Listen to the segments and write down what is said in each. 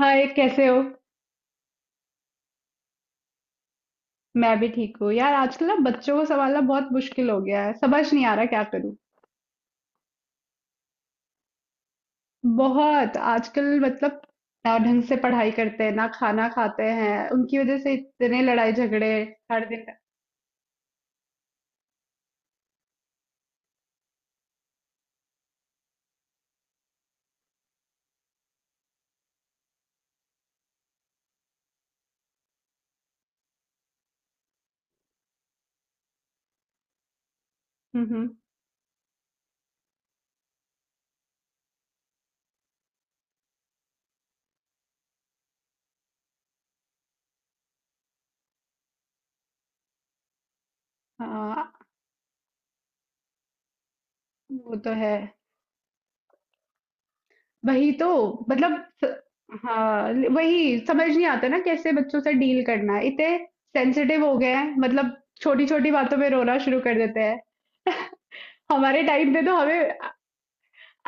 हाय, कैसे हो। मैं भी ठीक हूँ यार, आजकल ना बच्चों को संभालना बहुत मुश्किल हो गया है, समझ नहीं आ रहा क्या करूँ। बहुत आजकल मतलब ना ढंग से पढ़ाई करते हैं ना खाना खाते हैं, उनकी वजह से इतने लड़ाई झगड़े हर दिन। हम्म। हाँ, वो तो है। वही तो। मतलब स- हाँ, वही समझ नहीं आता ना कैसे बच्चों से डील करना है, इतने सेंसिटिव हो गए हैं मतलब छोटी छोटी बातों पे रोना शुरू कर देते हैं। हमारे टाइम पे तो हमें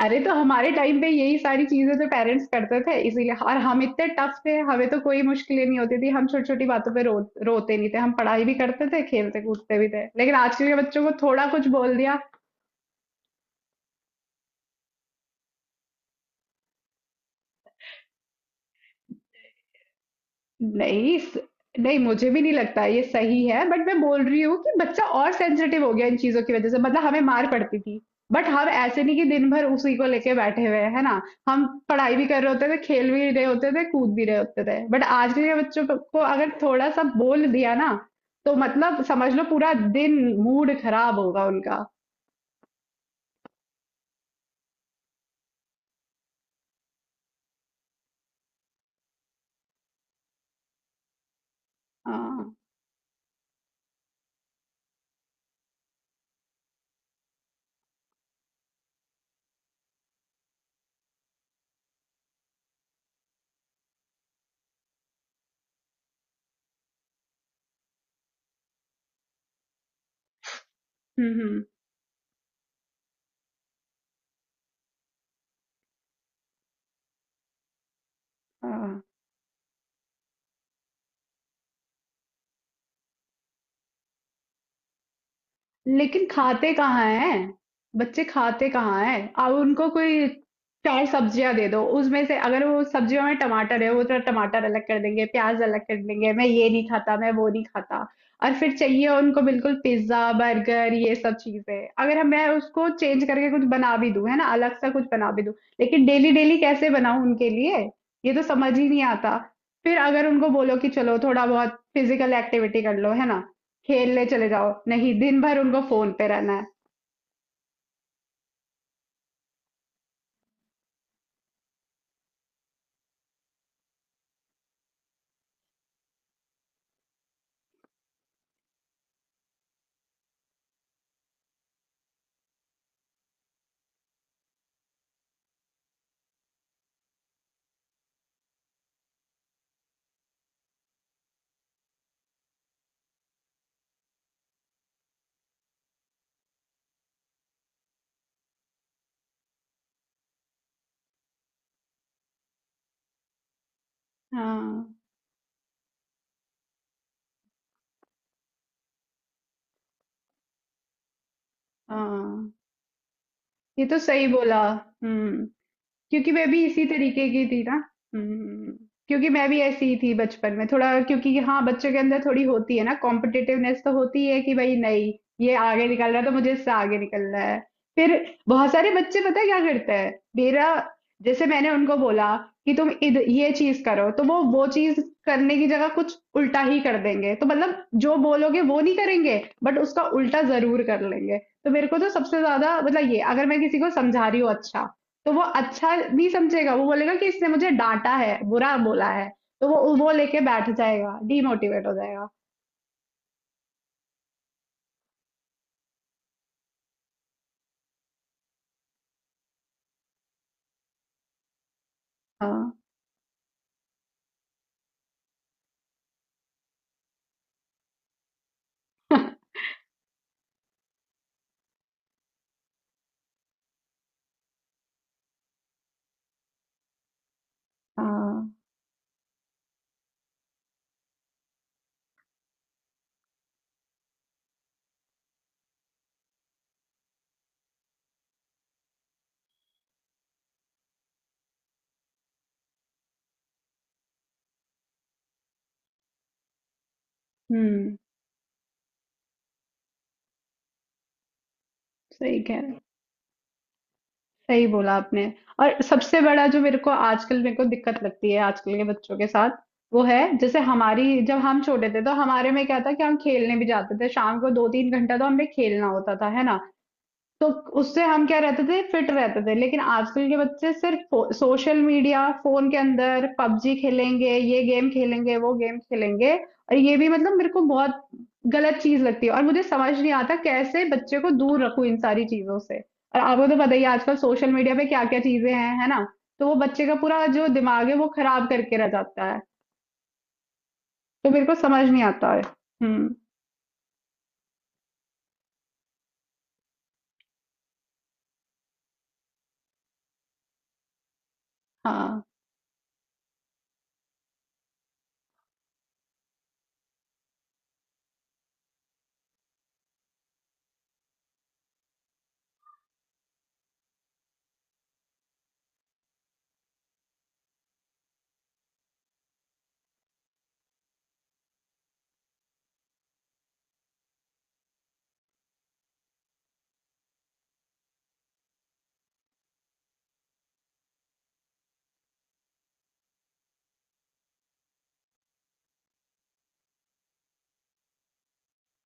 अरे तो हमारे टाइम पे यही सारी चीजें तो पेरेंट्स करते थे इसीलिए, और हम इतने टफ थे, हमें तो कोई मुश्किलें नहीं होती थी। हम छोटी छोटी बातों पे रो रोते नहीं थे, हम पढ़ाई भी करते थे, खेलते कूदते भी थे, लेकिन आजकल के बच्चों को थोड़ा कुछ बोल दिया। नहीं नहीं, मुझे भी नहीं लगता ये सही है, बट मैं बोल रही हूँ कि बच्चा और सेंसिटिव हो गया इन चीजों की वजह से, मतलब हमें मार पड़ती थी, बट हम ऐसे नहीं कि दिन भर उसी को लेके बैठे हुए हैं, है ना। हम पढ़ाई भी कर रहे होते थे, खेल भी रहे होते थे, कूद भी रहे होते थे, बट आज के बच्चों को अगर थोड़ा सा बोल दिया ना तो मतलब समझ लो पूरा दिन मूड खराब होगा उनका। हाँ, हम्म। हाँ, लेकिन खाते कहाँ हैं, बच्चे खाते कहाँ हैं अब। उनको कोई चार सब्जियां दे दो, उसमें से अगर वो सब्जियों में टमाटर है वो तो टमाटर अलग कर देंगे, प्याज अलग कर देंगे, मैं ये नहीं खाता मैं वो नहीं खाता। और फिर चाहिए उनको बिल्कुल पिज्जा बर्गर ये सब चीजें। अगर हम मैं उसको चेंज करके कुछ बना भी दूं, है ना, अलग सा कुछ बना भी दूं, लेकिन डेली डेली कैसे बनाऊं उनके लिए। ये तो समझ ही नहीं आता। फिर अगर उनको बोलो कि चलो थोड़ा बहुत फिजिकल एक्टिविटी कर लो, है ना, खेलने चले जाओ, नहीं, दिन भर उनको फोन पे रहना है। हाँ। हाँ, ये तो सही बोला। हम्म। क्योंकि मैं भी इसी तरीके की थी ना। हम्म। क्योंकि मैं भी ऐसी ही थी बचपन में थोड़ा, क्योंकि हाँ, बच्चों के अंदर थोड़ी होती है ना कॉम्पिटिटिवनेस तो होती है कि भाई नहीं, ये आगे निकल रहा है तो मुझे इससे आगे निकलना है। फिर बहुत सारे बच्चे पता है क्या करते हैं मेरा? जैसे मैंने उनको बोला कि तुम इध ये चीज करो, तो वो चीज करने की जगह कुछ उल्टा ही कर देंगे, तो मतलब जो बोलोगे वो नहीं करेंगे, बट उसका उल्टा जरूर कर लेंगे। तो मेरे को तो सबसे ज्यादा मतलब ये, अगर मैं किसी को समझा रही हूँ अच्छा, तो वो अच्छा नहीं समझेगा, वो बोलेगा कि इसने मुझे डाँटा है, बुरा बोला है, तो वो लेके बैठ जाएगा, डीमोटिवेट हो जाएगा। हाँ, हाँ, हुँ, सही कह रहे हैं, सही बोला आपने। और सबसे बड़ा जो मेरे को आजकल मेरे को दिक्कत लगती है आजकल के बच्चों के साथ, वो है जैसे हमारी, जब हम छोटे थे तो हमारे में क्या था कि हम खेलने भी जाते थे, शाम को 2-3 घंटा तो हमें खेलना होता था, है ना? तो उससे हम क्या रहते थे, फिट रहते थे, लेकिन आजकल के बच्चे सिर्फ सोशल मीडिया, फोन के अंदर पबजी खेलेंगे, ये गेम खेलेंगे वो गेम खेलेंगे, और ये भी मतलब मेरे को बहुत गलत चीज लगती है, और मुझे समझ नहीं आता कैसे बच्चे को दूर रखूं इन सारी चीजों से, और आपको तो पता ही है, आजकल सोशल मीडिया पे क्या क्या चीजें हैं, है ना। तो वो बच्चे का पूरा जो दिमाग है वो खराब करके रह जाता है, तो मेरे को समझ नहीं आता है। हम्म। हाँ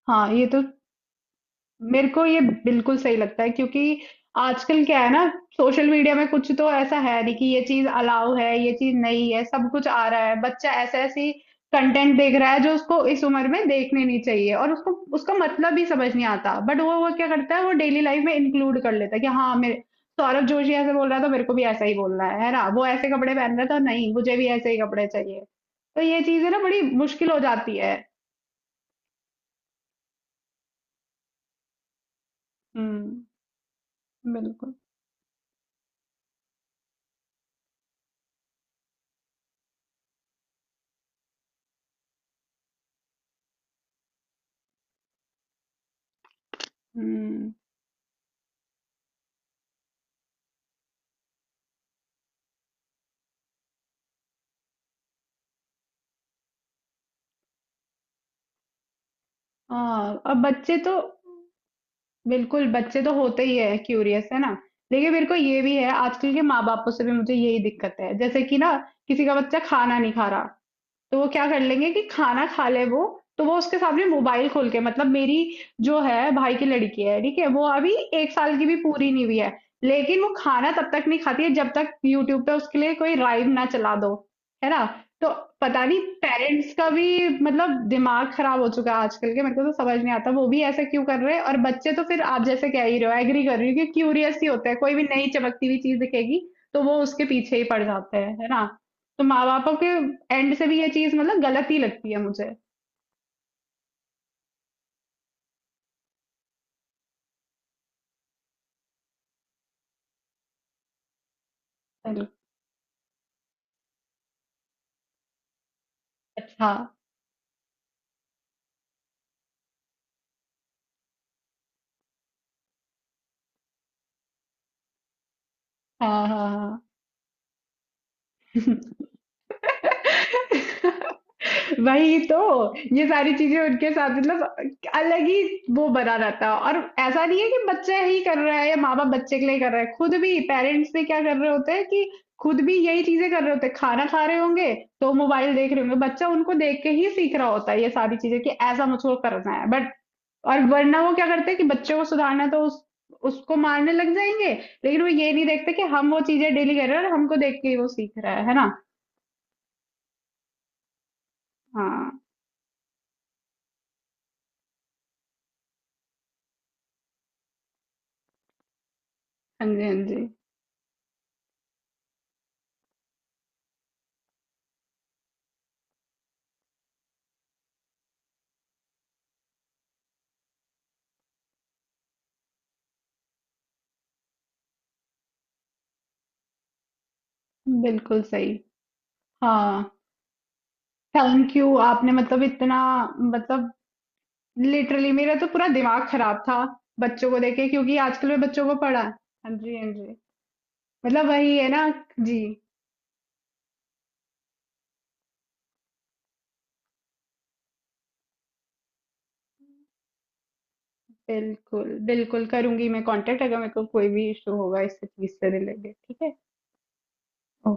हाँ, ये तो। मेरे को ये बिल्कुल सही लगता है, क्योंकि आजकल क्या है ना, सोशल मीडिया में कुछ तो ऐसा है नहीं कि ये चीज अलाउ है ये चीज नहीं है, सब कुछ आ रहा है। बच्चा ऐसे ऐसी कंटेंट देख रहा है जो उसको इस उम्र में देखने नहीं चाहिए, और उसको उसका मतलब भी समझ नहीं आता, बट वो क्या करता है, वो डेली लाइफ में इंक्लूड कर लेता है कि हाँ मेरे, सौरभ जोशी ऐसे बोल रहा है तो मेरे को भी ऐसा ही बोलना है ना, वो ऐसे कपड़े पहन रहा है तो नहीं, मुझे भी ऐसे ही कपड़े चाहिए। तो ये चीजें ना बड़ी मुश्किल हो जाती है। हम्म, बिल्कुल। हम्म। हाँ, अब बच्चे तो, बिल्कुल बच्चे तो होते ही है क्यूरियस, है ना। लेकिन मेरे को ये भी है, आजकल के माँ बापों से भी मुझे यही दिक्कत है, जैसे कि ना, किसी का बच्चा खाना नहीं खा रहा, तो वो क्या कर लेंगे कि खाना खा ले वो, तो वो उसके सामने मोबाइल खोल के, मतलब मेरी जो है भाई की लड़की है, ठीक है, वो अभी एक साल की भी पूरी नहीं हुई है, लेकिन वो खाना तब तक नहीं खाती है जब तक यूट्यूब पे उसके लिए कोई राइम ना चला दो, है ना। तो पता नहीं, पेरेंट्स का भी मतलब दिमाग खराब हो चुका है आजकल के, मेरे को तो समझ नहीं आता वो भी ऐसा क्यों कर रहे हैं, और बच्चे तो फिर आप जैसे कह ही रहे हो, एग्री कर रही हो कि क्यूरियस ही होते हैं, कोई भी नई चमकती हुई चीज दिखेगी तो वो उसके पीछे ही पड़ जाते हैं, है ना। तो माँ बापों के एंड से भी ये चीज मतलब गलत ही लगती है मुझे। पहले। अच्छा, हाँ हाँ हाँ। हाँ, वही तो। ये सारी चीजें उनके साथ मतलब अलग ही वो बना रहता है, और ऐसा नहीं है कि बच्चा ही कर रहा है, या माँ बाप बच्चे के लिए कर रहा है, खुद भी पेरेंट्स भी क्या कर रहे होते हैं कि खुद भी यही चीजें कर रहे होते हैं, खाना खा रहे होंगे तो मोबाइल देख रहे होंगे, बच्चा उनको देख के ही सीख रहा होता है ये सारी चीजें कि ऐसा मुझको करना है बट। और वरना वो क्या करते हैं कि बच्चों को सुधारना, तो उस उसको मारने लग जाएंगे, लेकिन वो ये नहीं देखते कि हम वो चीजें डेली कर रहे हैं और हमको देख के वो सीख रहा है ना। हाँ। हाँ जी, हाँ जी। बिल्कुल सही। हाँ, थैंक यू, आपने मतलब इतना, मतलब लिटरली मेरा तो पूरा दिमाग खराब था बच्चों को देखे, क्योंकि आजकल मैं बच्चों को पढ़ा। हाँ जी, हाँ जी। मतलब वही है ना। जी, बिल्कुल बिल्कुल करूंगी मैं कांटेक्ट, अगर मेरे को कोई भी इशू होगा इस चीज से रिलेटेड। ठीक है।